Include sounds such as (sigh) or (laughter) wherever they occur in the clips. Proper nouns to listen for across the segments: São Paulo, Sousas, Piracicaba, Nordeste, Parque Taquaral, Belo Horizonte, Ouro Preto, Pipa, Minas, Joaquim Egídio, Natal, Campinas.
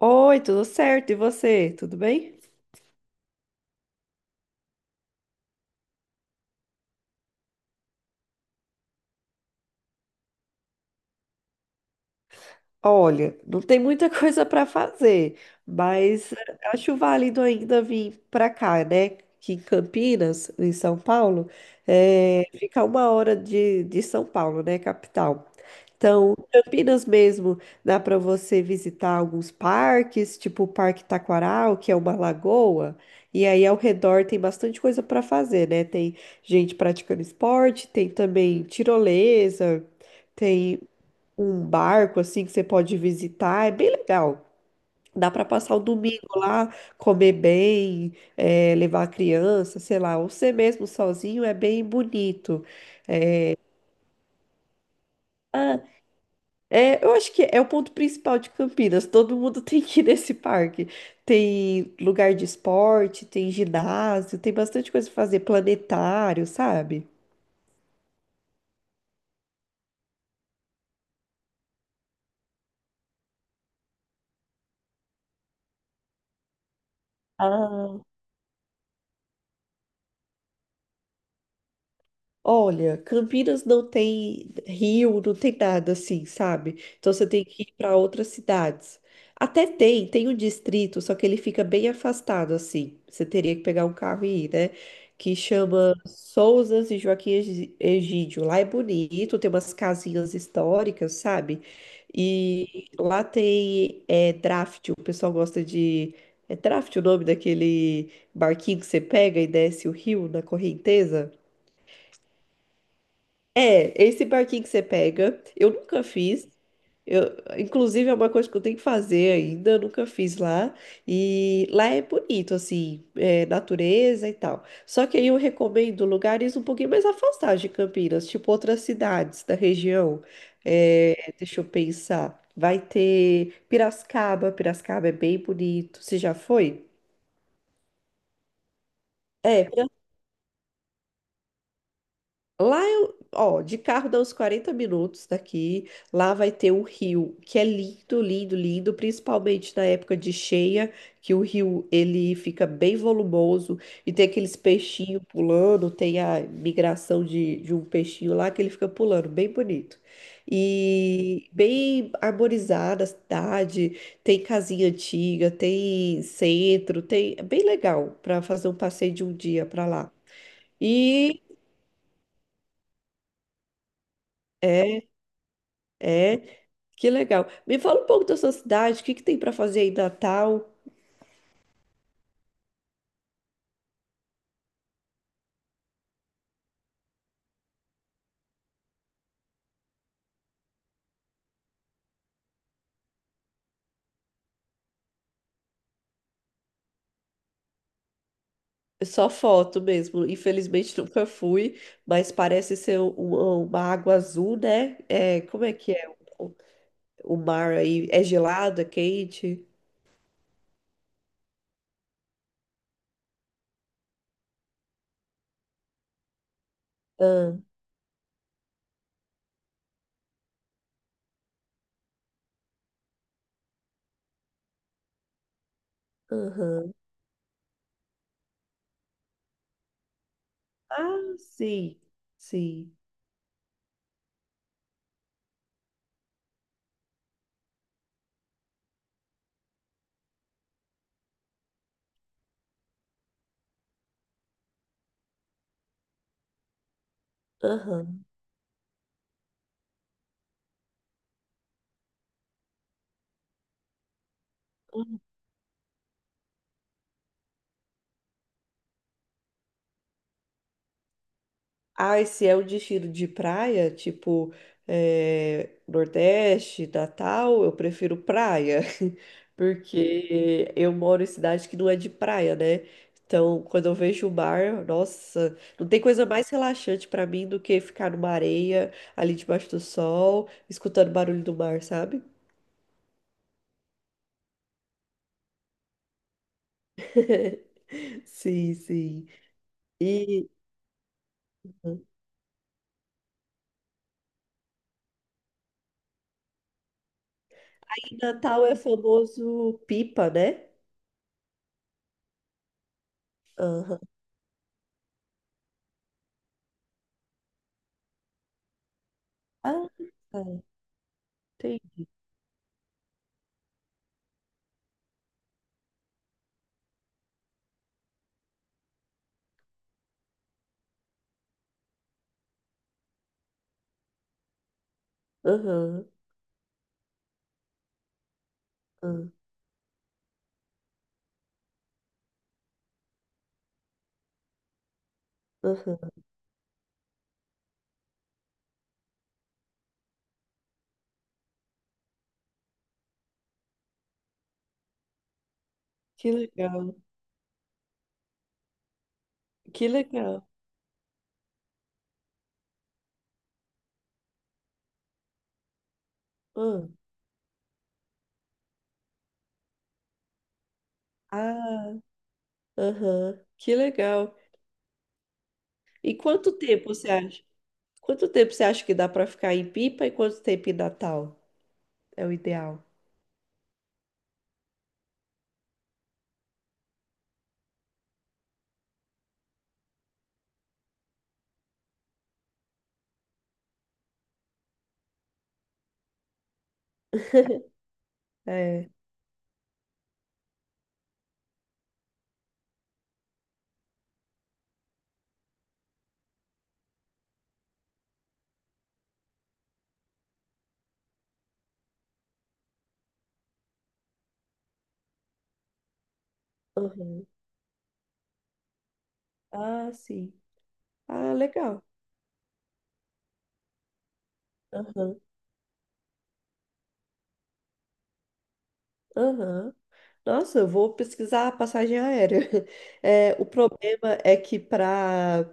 Oi, tudo certo? E você? Tudo bem? Olha, não tem muita (laughs) coisa para fazer, mas acho válido ainda vir para cá, né? Que em Campinas, em São Paulo, fica 1 hora de São Paulo, né? Capital. Então, Campinas mesmo, dá para você visitar alguns parques, tipo o Parque Taquaral, que é uma lagoa, e aí ao redor tem bastante coisa para fazer, né? Tem gente praticando esporte, tem também tirolesa. Tem um barco assim que você pode visitar, é bem legal. Dá para passar o domingo lá, comer bem, levar a criança, sei lá, ou você mesmo sozinho é bem bonito. Ah, é, eu acho que é o ponto principal de Campinas. Todo mundo (laughs) tem que ir nesse parque. Tem lugar de esporte, tem ginásio, tem bastante coisa pra fazer, planetário, sabe? Ah, olha, Campinas não tem rio, não tem nada assim, sabe? Então você tem que ir para outras cidades. Até tem um distrito, só que ele fica bem afastado assim. Você teria que pegar um carro e ir, né? Que chama Sousas e Joaquim Egídio. Lá é bonito, tem umas casinhas históricas, sabe? E lá tem draft, o pessoal gosta de. É draft o nome daquele barquinho que você pega e desce o rio na correnteza? É, esse barquinho que você pega, eu nunca fiz. Eu, inclusive, é uma coisa que eu tenho que fazer ainda, eu nunca fiz lá. E lá é bonito, assim, natureza e tal. Só que aí eu recomendo lugares um pouquinho mais afastados de Campinas, tipo outras cidades da região. É, deixa eu pensar. Vai ter Piracicaba, Piracicaba é bem bonito. Você já foi? É, lá eu, ó, de carro dá uns 40 minutos daqui. Lá vai ter um rio que é lindo, lindo, lindo, principalmente na época de cheia, que o rio ele fica bem volumoso e tem aqueles peixinhos pulando, tem a migração de um peixinho lá que ele fica pulando, bem bonito. E bem arborizada a cidade, tem casinha antiga, tem centro, é bem legal para fazer um passeio de um dia para lá. E é é. Que legal. Me fala um pouco da sua cidade, o que que tem para fazer aí em Natal? É, só foto mesmo. Infelizmente (laughs) nunca fui, mas parece ser uma água azul, né? É, como é que é o, o mar aí? É gelado, é quente? Ah, aham. Ah, sim, sim. Aham. Ah, e se é o destino de praia, tipo Nordeste, Natal, eu prefiro praia, (laughs) porque eu moro em cidade que não é de praia, né? Então, quando eu vejo o mar, nossa, não tem coisa mais relaxante pra mim do que ficar numa areia, ali debaixo do sol, escutando o barulho do mar, sabe? (laughs) Sim, sim. E em Natal é famoso pipa, né? Aham. Ah, tá. Tem. Aham. Ah, aham. Que legal, que legal. Ah, ah, aham, que legal. E quanto tempo você acha? Quanto tempo você acha que dá para ficar em Pipa e quanto tempo em Natal? É o ideal. (laughs) É. Aham. Ah, sim. Ah, legal. Aham, aham. Nossa, eu vou pesquisar a passagem aérea. (laughs) É, o problema é que para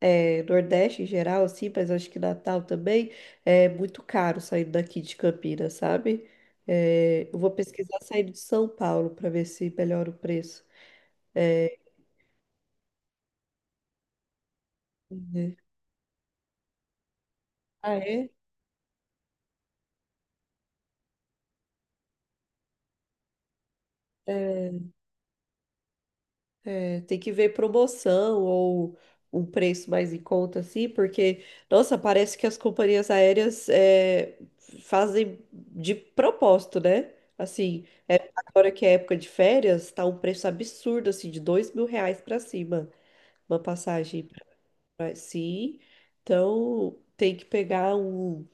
Nordeste em geral, assim, mas acho que Natal também, é muito caro saindo daqui de Campinas, sabe? É, eu vou pesquisar saindo de São Paulo para ver se melhora o preço. É, ah, é? É, tem que ver promoção ou um preço mais em conta, assim, porque, nossa, parece que as companhias aéreas fazem de propósito, né? Assim, agora que é época de férias, tá um preço absurdo, assim, de R$ 2.000 para cima. Uma passagem para si. Então, tem que pegar um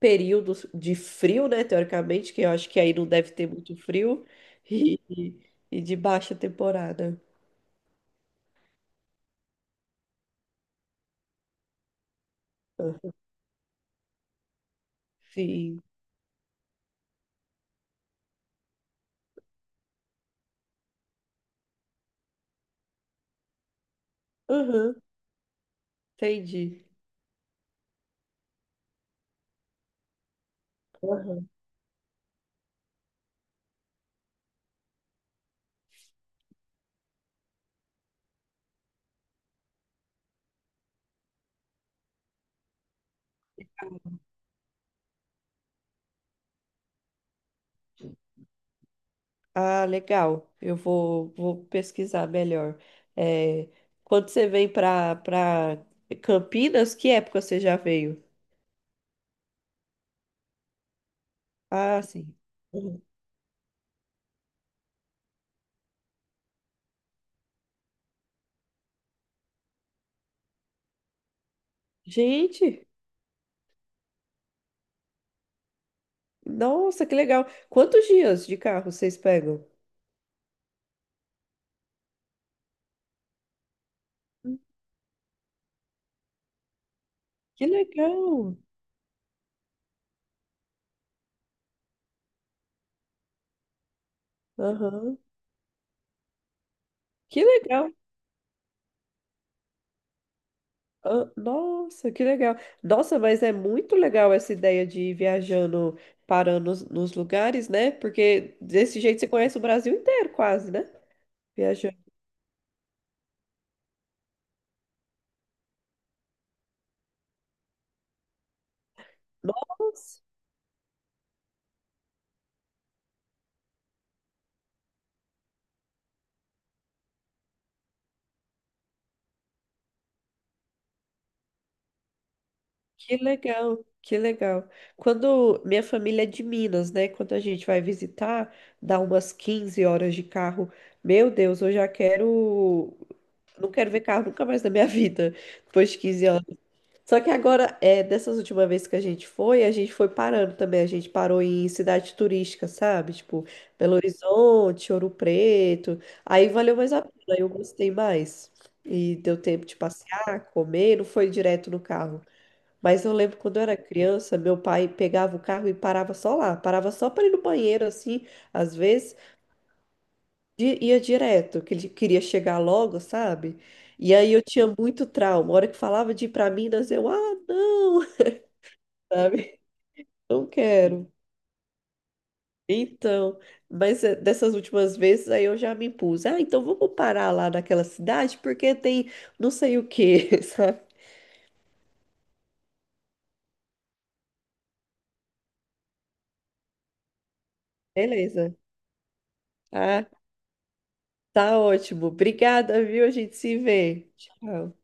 período de frio, né? Teoricamente, que eu acho que aí não deve ter muito frio, (laughs) e, e de baixa temporada. Aham. Sim. Aham, entendi. Aham. Ah, legal. Eu vou pesquisar melhor. É, quando você vem para Campinas, que época você já veio? Ah, sim. Uhum. Gente. Nossa, que legal. Quantos dias de carro vocês pegam? Que legal. Aham. Que legal. Ah, nossa, que legal. Nossa, mas é muito legal essa ideia de ir viajando, parando nos lugares, né? Porque desse jeito você conhece o Brasil inteiro, quase, né? Viajando. Nossa. Que legal, que legal. Quando minha família é de Minas, né? Quando a gente vai visitar, dá umas 15 horas de carro. Meu Deus, eu já quero. Não quero ver carro nunca mais na minha (laughs) vida, depois de 15 anos. Só que agora, dessas últimas vezes que a gente foi parando também. A gente parou em cidade turística, sabe? Tipo, Belo Horizonte, Ouro Preto. Aí valeu mais a pena, eu gostei mais. E deu tempo de passear, comer, não foi direto no carro. Mas eu lembro quando eu era criança, meu pai pegava o carro e parava só lá, parava só para ir no banheiro, assim, às vezes, e ia direto, que ele queria chegar logo, sabe? E aí eu tinha muito trauma. A hora que falava de ir para Minas, eu, ah, não, (laughs) sabe? Não quero. Então, mas dessas últimas vezes aí eu já me impus. Ah, então vamos parar lá naquela cidade porque tem não sei o quê, (laughs) sabe? Beleza. Ah, tá ótimo. Obrigada, viu? A gente se vê. Tchau.